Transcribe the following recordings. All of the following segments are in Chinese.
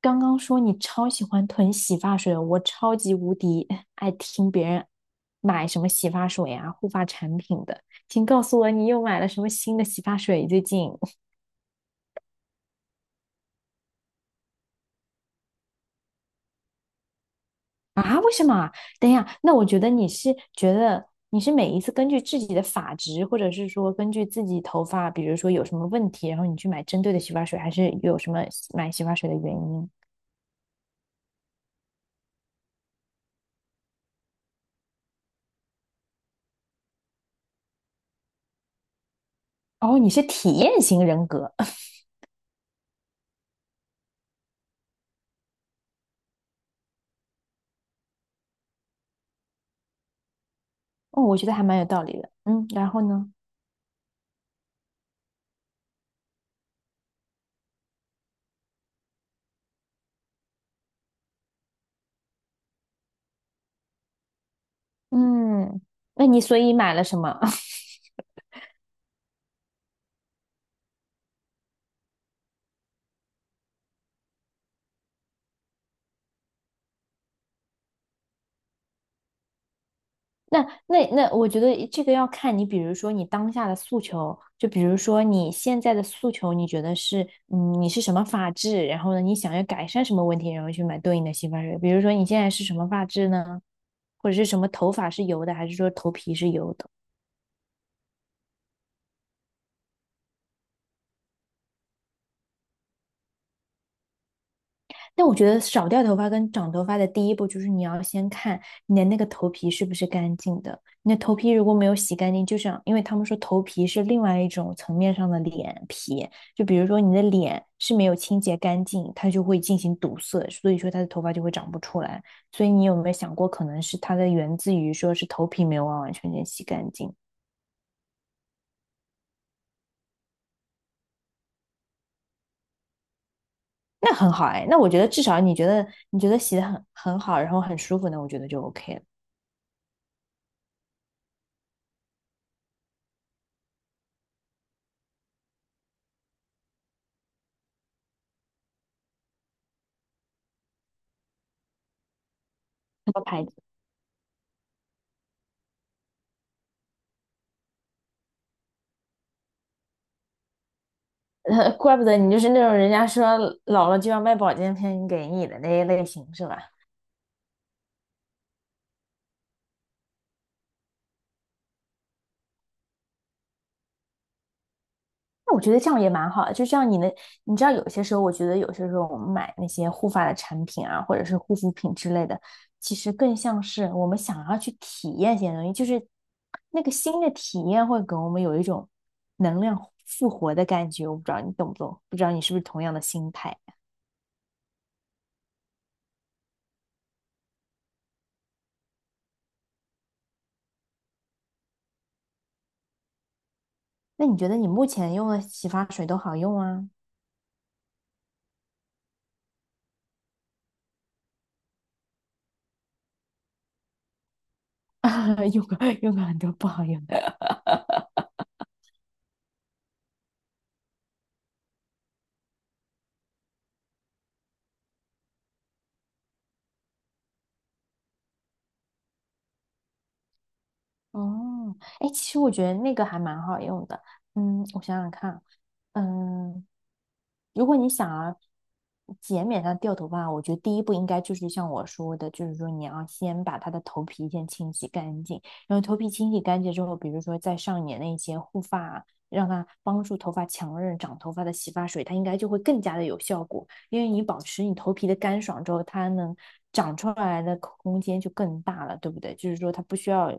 刚刚说你超喜欢囤洗发水的，我超级无敌爱听别人买什么洗发水呀、护发产品的。请告诉我你又买了什么新的洗发水？最近啊？为什么啊等一下，那我觉得你是每一次根据自己的发质，或者是说根据自己头发，比如说有什么问题，然后你去买针对的洗发水，还是有什么买洗发水的原因？哦，你是体验型人格，哦，我觉得还蛮有道理的。嗯，然后呢？嗯，那你所以买了什么？那那，我觉得这个要看你，比如说你当下的诉求，就比如说你现在的诉求，你觉得是，嗯，你是什么发质，然后呢，你想要改善什么问题，然后去买对应的洗发水。比如说你现在是什么发质呢？或者是什么头发是油的，还是说头皮是油的？但我觉得少掉头发跟长头发的第一步就是你要先看你的那个头皮是不是干净的。你的头皮如果没有洗干净，就像因为他们说头皮是另外一种层面上的脸皮，就比如说你的脸是没有清洁干净，它就会进行堵塞，所以说它的头发就会长不出来。所以你有没有想过，可能是它的源自于说是头皮没有完完全全洗干净？那很好哎，那我觉得至少你觉得洗的很好，然后很舒服那我觉得就 OK 了。怪不得你就是那种人家说老了就要卖保健品给你的那一类型是吧？那我觉得这样也蛮好的，就像你的，你知道有些时候，我觉得有些时候我们买那些护发的产品啊，或者是护肤品之类的，其实更像是我们想要去体验一些东西，就是那个新的体验会给我们有一种能量复活的感觉。我不知道你懂不懂，不知道你是不是同样的心态？那你觉得你目前用的洗发水都好用啊？用过用过很多不好用的。哦，哎，其实我觉得那个还蛮好用的。嗯，我想想看，嗯，如果你想要减免它掉头发，我觉得第一步应该就是像我说的，就是说你要先把它的头皮先清洗干净，然后头皮清洗干净之后，比如说再上一点那些护发，让它帮助头发强韧长头发的洗发水，它应该就会更加的有效果。因为你保持你头皮的干爽之后，它能长出来的空间就更大了，对不对？就是说它不需要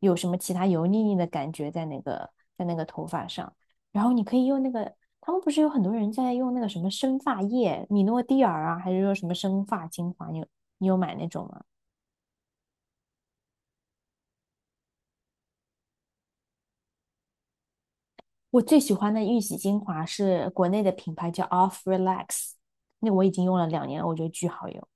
有什么其他油腻腻的感觉在那个头发上，然后你可以用那个，他们不是有很多人在用那个什么生发液，米诺地尔啊，还是说什么生发精华？你有买那种吗？我最喜欢的玉玺精华是国内的品牌叫 Off Relax，那我已经用了2年了，我觉得巨好用。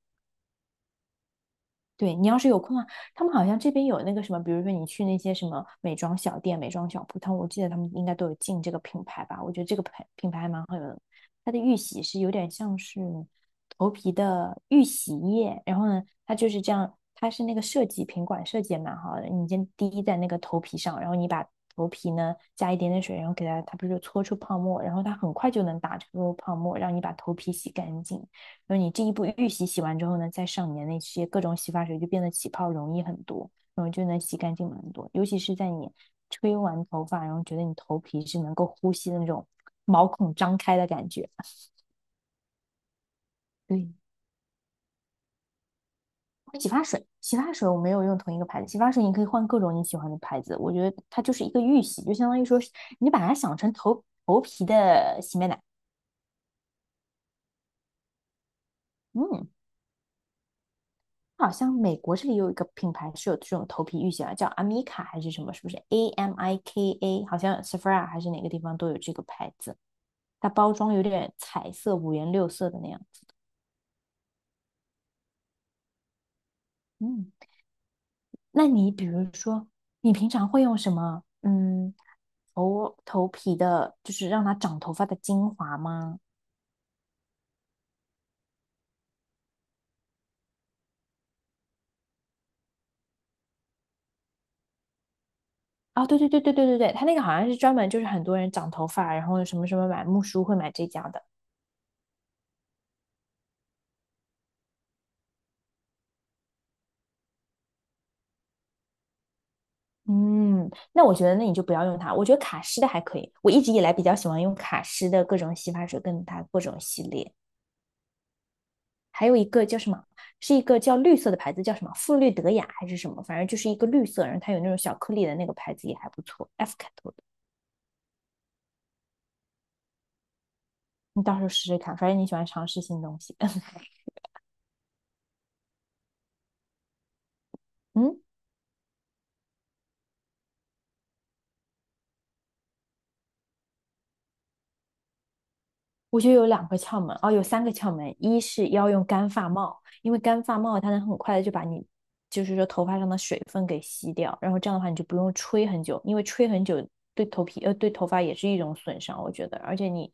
对你要是有空啊，他们好像这边有那个什么，比如说你去那些什么美妆小店、美妆小铺，他们我记得他们应该都有进这个品牌吧？我觉得这个品牌还蛮好用的，它的预洗是有点像是头皮的预洗液，然后呢，它就是这样，它是那个设计瓶管设计也蛮好的，你先滴在那个头皮上，然后你把头皮呢加一点点水，然后给它，它不是就搓出泡沫，然后它很快就能打出泡沫，让你把头皮洗干净。就是你这一步预洗洗完之后呢，再上你的那些各种洗发水，就变得起泡容易很多，然后就能洗干净很多。尤其是在你吹完头发，然后觉得你头皮是能够呼吸的那种毛孔张开的感觉。对，洗发水，洗发水我没有用同一个牌子，洗发水你可以换各种你喜欢的牌子。我觉得它就是一个预洗，就相当于说你把它想成头皮的洗面奶。嗯，好像美国这里有一个品牌是有这种头皮浴洗啊，叫 Amica 还是什么？是不是 A M I K A？好像 Sephora 还是哪个地方都有这个牌子，它包装有点彩色、五颜六色的那样子。嗯，那你比如说，你平常会用什么？嗯，头皮的，就是让它长头发的精华吗？啊，对对对，它那个好像是专门就是很多人长头发，然后什么什么买木梳会买这家的。嗯，那我觉得那你就不要用它。我觉得卡诗的还可以，我一直以来比较喜欢用卡诗的各种洗发水跟它各种系列。还有一个叫什么，是一个叫绿色的牌子，叫什么馥绿德雅还是什么，反正就是一个绿色，然后它有那种小颗粒的那个牌子也还不错，F 开头的，你到时候试试看。反正你喜欢尝试新东西。嗯，我觉得有两个窍门，哦，有三个窍门，一是要用干发帽，因为干发帽它能很快的就把你，就是说头发上的水分给吸掉，然后这样的话你就不用吹很久，因为吹很久对头皮对头发也是一种损伤，我觉得，而且你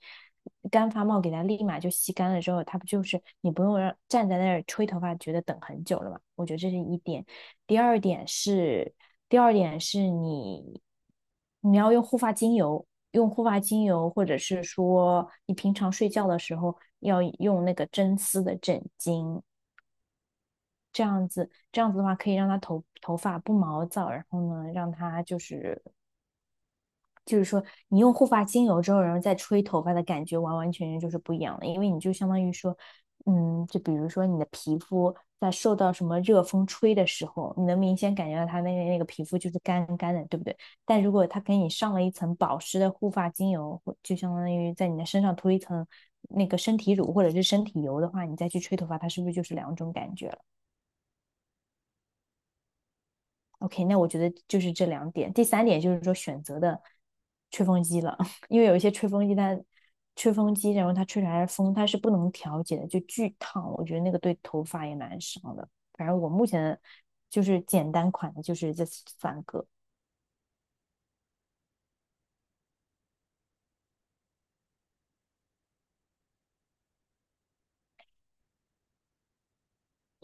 干发帽给它立马就吸干了之后，它不就是你不用让站在那儿吹头发，觉得等很久了嘛？我觉得这是一点。第二点是，第二点是你你要用护发精油，或者是说你平常睡觉的时候要用那个真丝的枕巾，这样子的话可以让它头发不毛躁，然后呢，让它就是说，你用护发精油之后，然后再吹头发的感觉，完完全全就是不一样的，因为你就相当于说，嗯，就比如说你的皮肤在受到什么热风吹的时候，你能明显感觉到它那个皮肤就是干干的，对不对？但如果它给你上了一层保湿的护发精油，就相当于在你的身上涂一层那个身体乳或者是身体油的话，你再去吹头发，它是不是就是两种感觉？了？OK，那我觉得就是这两点。第三点就是说选择的吹风机了，因为有一些吹风机它吹风机，然后它吹出来的风它是不能调节的，就巨烫。我觉得那个对头发也蛮伤的。反正我目前就是简单款的，就是这三个。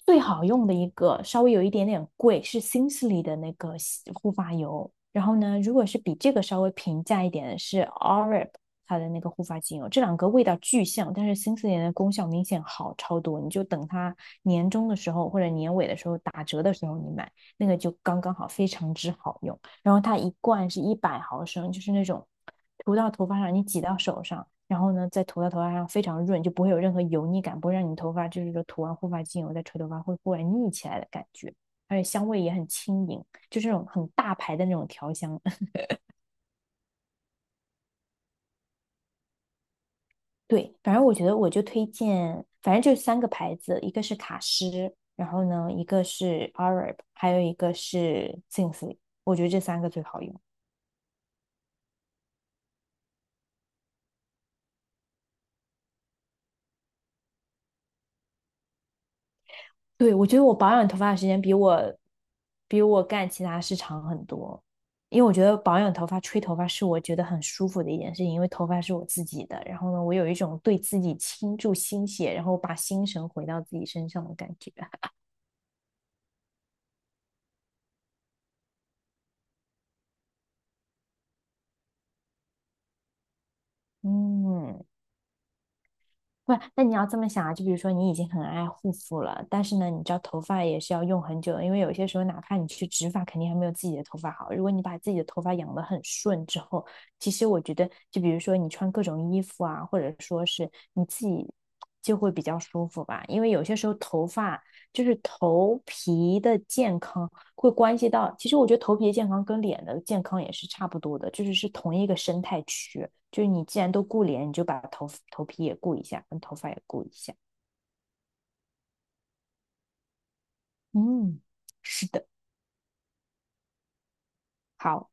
最好用的一个，稍微有一点点贵，是新势力的那个护发油。然后呢，如果是比这个稍微平价一点的是 Oreb 它的那个护发精油，这两个味道巨像，但是新势力的功效明显好超多。你就等它年终的时候或者年尾的时候打折的时候你买，那个就刚刚好，非常之好用。然后它一罐是100毫升，就是那种涂到头发上，你挤到手上，然后呢再涂到头发上，非常润，就不会有任何油腻感，不会让你头发就是说涂完护发精油再吹头发会忽然腻起来的感觉。而且香味也很轻盈，就这种很大牌的那种调香。对，反正我觉得我就推荐，反正就三个牌子，一个是卡诗，然后呢，一个是 Arab，还有一个是 Simply，我觉得这三个最好用。对，我觉得我保养头发的时间比我干其他事长很多，因为我觉得保养头发、吹头发是我觉得很舒服的一件事情，因为头发是我自己的。然后呢，我有一种对自己倾注心血，然后把心神回到自己身上的感觉。嗯，不是那你要这么想啊，就比如说你已经很爱护肤了，但是呢，你知道头发也是要用很久的，因为有些时候哪怕你去植发，肯定还没有自己的头发好。如果你把自己的头发养得很顺之后，其实我觉得，就比如说你穿各种衣服啊，或者说是你自己就会比较舒服吧。因为有些时候头发就是头皮的健康会关系到，其实我觉得头皮的健康跟脸的健康也是差不多的，就是是同一个生态区。就是你既然都顾脸，你就把头皮也顾一下，跟头发也顾一下。嗯，是的，好，